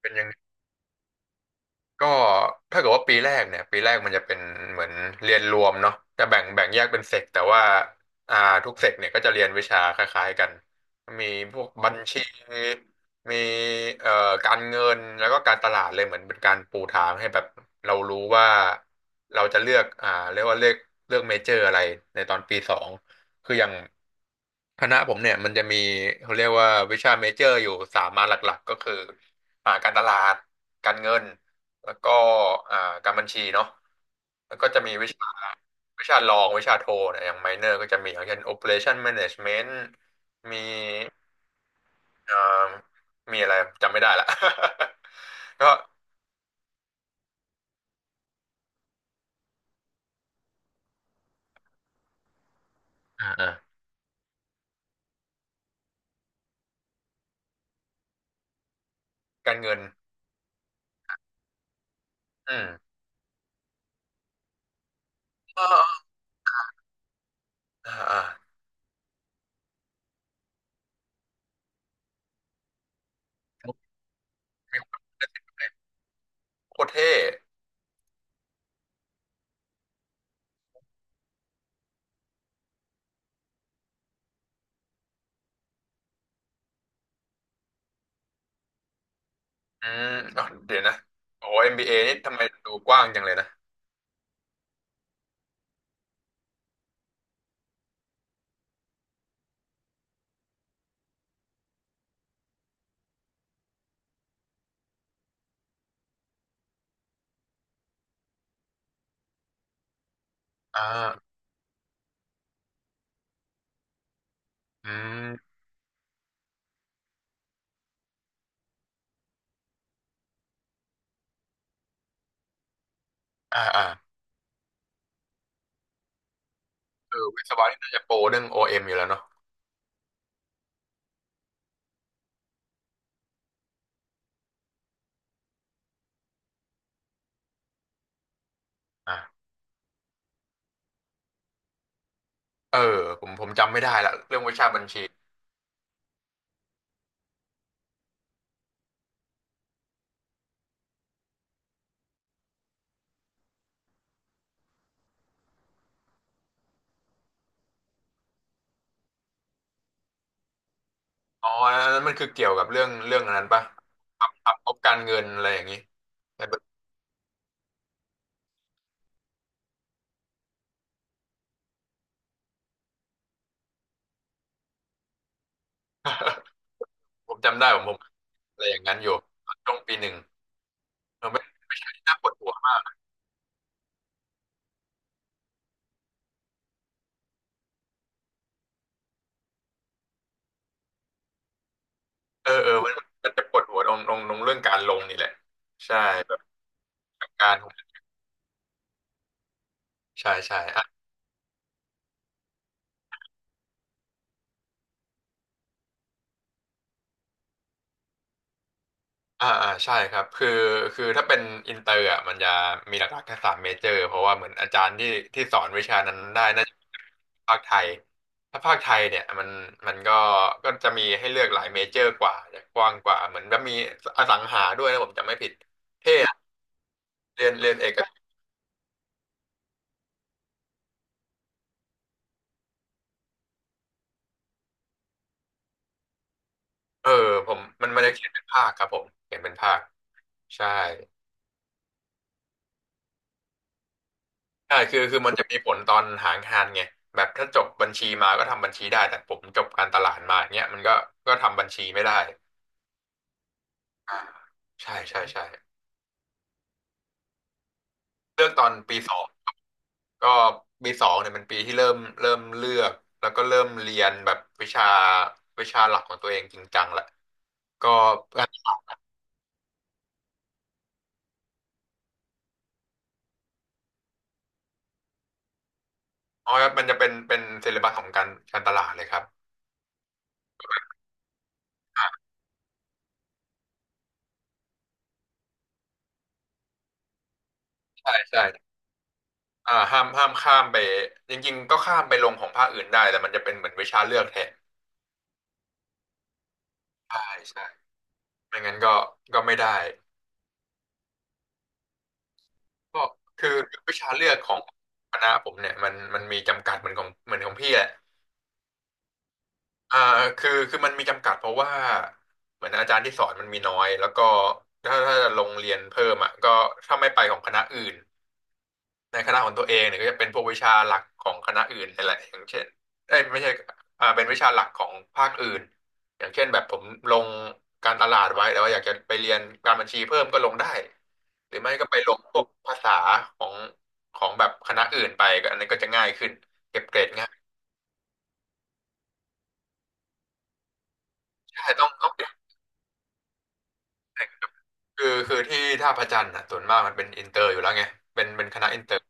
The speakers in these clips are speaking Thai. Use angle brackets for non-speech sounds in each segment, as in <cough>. เป็นยังไง ก็ถ้าเกิดว่าปีแรกเนี่ยปีแรกมันจะเป็นเหมือนเรียนรวมเนาะจะแบ่งแยกเป็นเซกแต่ว่าอ่าทุกเซกเนี่ยก็จะเรียนวิชาคล้ายๆกันมีพวกบัญชีมีเอ่อการเงินแล้วก็การตลาดเลยเหมือนเป็นการปูทางให้แบบเรารู้ว่าเราจะเลือกเรียกว่าเลือกเมเจอร์อะไรในตอนปีสองคืออย่างคณะผมเนี่ยมันจะมีเขาเรียกว่าวิชาเมเจอร์อยู่สามมาหลักๆก็คือการตลาดการเงิน แล้วก็อ่าการบัญชีเนาะแล้วก็จะมีวิชารองวิชาโทเนี่ยอย่างไมเนอร์ก็จะมีอย่างเช่น Operation Management มีเอ่อมีอะไรจำไม่ได้ละ <laughs> ก็อ่าอ่าการเงินอืมอ่าอ่าอ่ามีโคตรเท่อืมอ๋อเดี๋ยวนะโอ้ MBA นี่ทำไมดูกว้างจังเลยนะอ่าอืมอ่าอ่าเออวิศวะนี่น่าจะโปรเรื่อง OM อเอ็มอยู่แล้วเนาะอ่า เออผมจำไม่ได้ละเรื่องวิชาบัญชีอ๋ออันนั้นมันคือเกี่ยวกับเรื่องอันนั้นปะทำงบการเงินอะไรอย่างนี้ใน <laughs> ผมจำได้ผมอะไรอย่างนั้นอยู่ตอนช่วงปีหนึ่งเราไม่ใช่ที่น่าปวดหัวมากเออเออมันจะปวดหัวตรงเรื่องการลงนี่แหละใช่แบบการใช่ใช่ ใช่ครับคือถ้าเป็นอินเตอร์อ่ะมันจะมีหลักๆแค่สามเมเจอร์เพราะว่าเหมือนอาจารย์ที่สอนวิชานั้นได้น่าจะเป็นภาคไทยถ้าภาคไทยเนี่ยมันก็จะมีให้เลือกหลายเมเจอร์กว่าจะกว้างกว่าเหมือนแบบมีอสังหาด้วยนะผมจำไม่ผิดเท่อะเรียนเอกเออผมมันจะเขียนเป็นภาคครับผมเขียนเป็นภาคใช่ใช่คือมันจะมีผลตอนหางานไงแบบถ้าจบบัญชีมาก็ทำบัญชีได้แต่ผมจบการตลาดมาอย่างเงี้ยมันก็ทำบัญชีไม่ได้ อ่าใช่ใช่ใช่เลือกตอนปีสองก็ปีสองเนี่ยเป็นปีที่เริ่มเลือกแล้วก็เริ่มเรียนแบบวิชาหลักของตัวเองจริงจังแหละก็อันนี้น้อยครับมันจะเป็นเซเลบัสของการตลาดเลยครับใช่ใช่ห้ามข้ามไปจริงๆก็ข้ามไปลงของภาคอื่นได้แต่มันจะเป็นเหมือนวิชาเลือกแทนใช่ใช่ไม่งั้นก็ไม่ได้ก็คือวิชาเลือกของคณะผมเนี่ยมันมีจำกัดเหมือนของเหมือนของพี่แหละ อ่าคือมันมีจำกัดเพราะว่าเหมือนอาจารย์ที่สอนมันมีน้อยแล้วก็ถ้าจะลงเรียนเพิ่มอ่ะก็ถ้าไม่ไปของคณะอื่นในคณะของตัวเองเนี่ยก็จะเป็นพวกวิชาหลักของคณะอื่นนั่นแหละอย่างเช่นเอ้ยไม่ใช่เป็นวิชาหลักของภาคอื่นอย่างเช่นแบบผมลงการตลาดไว้แต่ว่าอยากจะไปเรียนการบัญชีเพิ่มก็ลงได้หรือไม่ก็ไปลงพวกภาษาของแบบคณะอื่นไปก็อันนี้นก็จะง่ายขึ้นเก็บเกรดง่ายใช่ต้อง คือที่ท่าพระจันทร์อ่ะส่วนมากมันเป็นอินเตอร์อยู่แล้วไงเป็นคณะอินเตอร์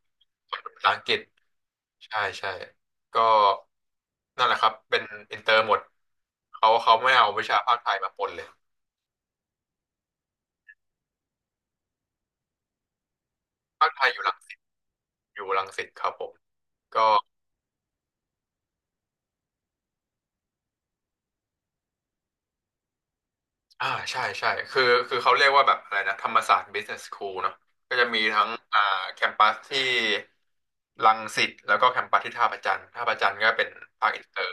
สอนภาษาอังกฤษใช่ใช่ก็นั่นแหละครับเป็นอินเตอร์หมดเขาไม่เอาวิชาภาคไทยมาปนเลยภาคไทยอยู่รังสิตครับผมก็ใช่ใช่คือเขาเรียกว่าแบบอะไรนะธรรมศาสตร์ Business School เนาะก็จะมีทั้งแคมปัสที่รังสิตแล้วก็แคมปัสที่ท่าพระจันทร์ก็เป็นภาคอินเตอร์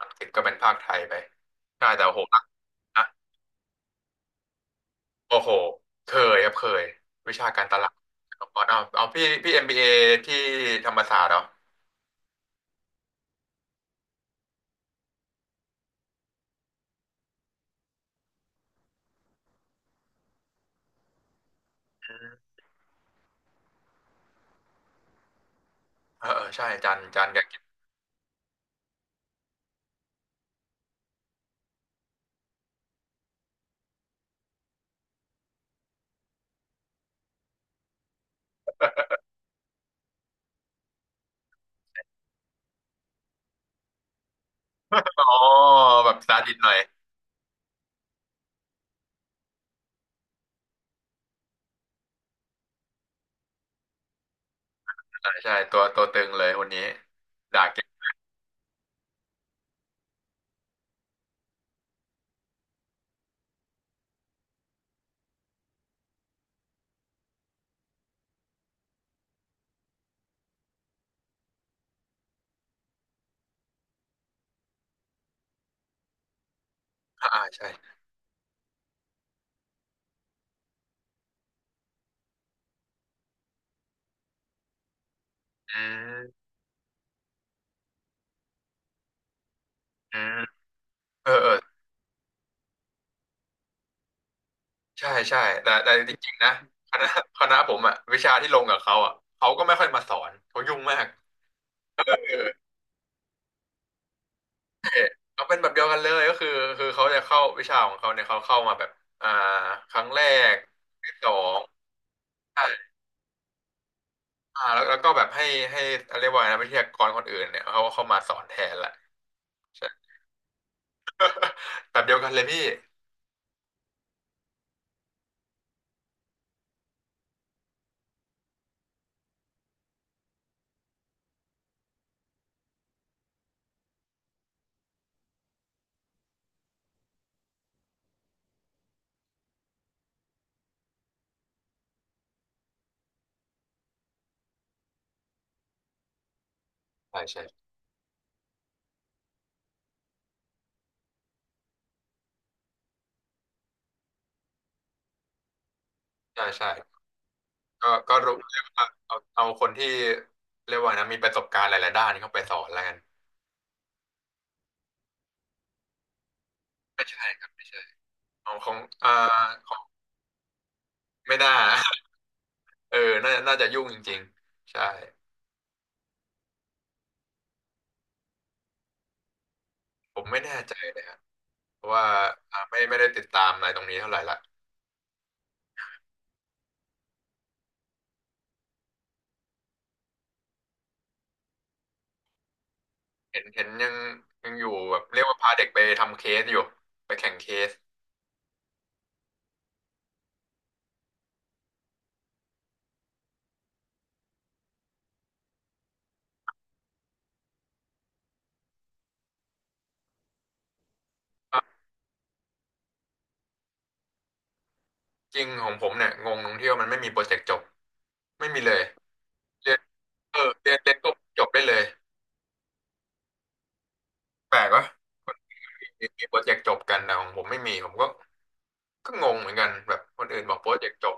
รังสิตก็เป็นภาคไทยไปใช่แต่โหหนัก โอ้โหเคยครับเคยวิชาการตลาดเอาพี่เอ็มบีเอที่ธรรมศาสตร์เหรออืมเออเออใช่จันกับกิ๊บอ๋อแบบสตาร์ดิตหน่อยใช่ใช่ตัวตึงเลยคนนี้ด่าเก่งใช่อืมอืมเออเออใช่ใช่แต่จริงๆนะคณะคณะผมอะวิชาที่ลงกับเขาอะเขาก็ไม่ค่อยมาสอนเขายุ่งมากเออเขาเป็นแบบเดียวกันเลยก็คือเขาจะเข้าวิชาของเขาเนี่ยเขาเข้ามาแบบอ่าครั้งแรกที่สอง แล้วก็แบบให้เรียกว่าไงนะวิทยากรคนอื่นเนี่ยเขาเข้ามาสอนแทนแหละใช่ <laughs> แบบเดียวกันเลยพี่ใช่ใช่ใช่ใช่ก็รู้เรียกว่าเอาคนที่เรียกว่าไงนะมีประสบการณ์หลายๆด้านเข้าไปสอนแล้วกันไม่ใช่ครับไม่ใช่ของของอ่าของไม่น่า <laughs> เออน่าจะยุ่งจริงๆใช่ผมไม่แน่ใจเลยครับเพราะว่าไม่ได้ติดตามอะไรตรงนี้เท่าไหร่ละเห็นยังอยู่แบบเรียกว่าพาเด็กไปทำเคสอยู่ไปแข่งเคสอ่า จริงของผมเนี่ยงงตรงที่ว่ามันไม่มีโปรเจกต์จบไม่มีเลยเรียนเออเรียนเรียนก็จบได้เลยแปลกวะมีโปรเจกต์จบกันแต่ของผมไม่มีผมก็งงเหมือนกันแบบคนอื่นบอกโปรเจกต์จบ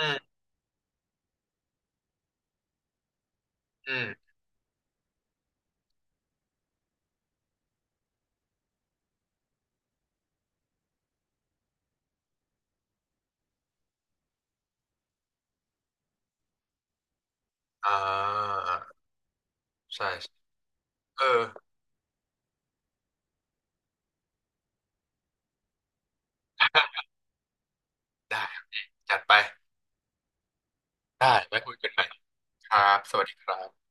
อืมอืมอ่าใช่ใช่เออ <laughs> ได้จัดไปได้ไว้คุยกันใหม่ครับสวัสดีครับ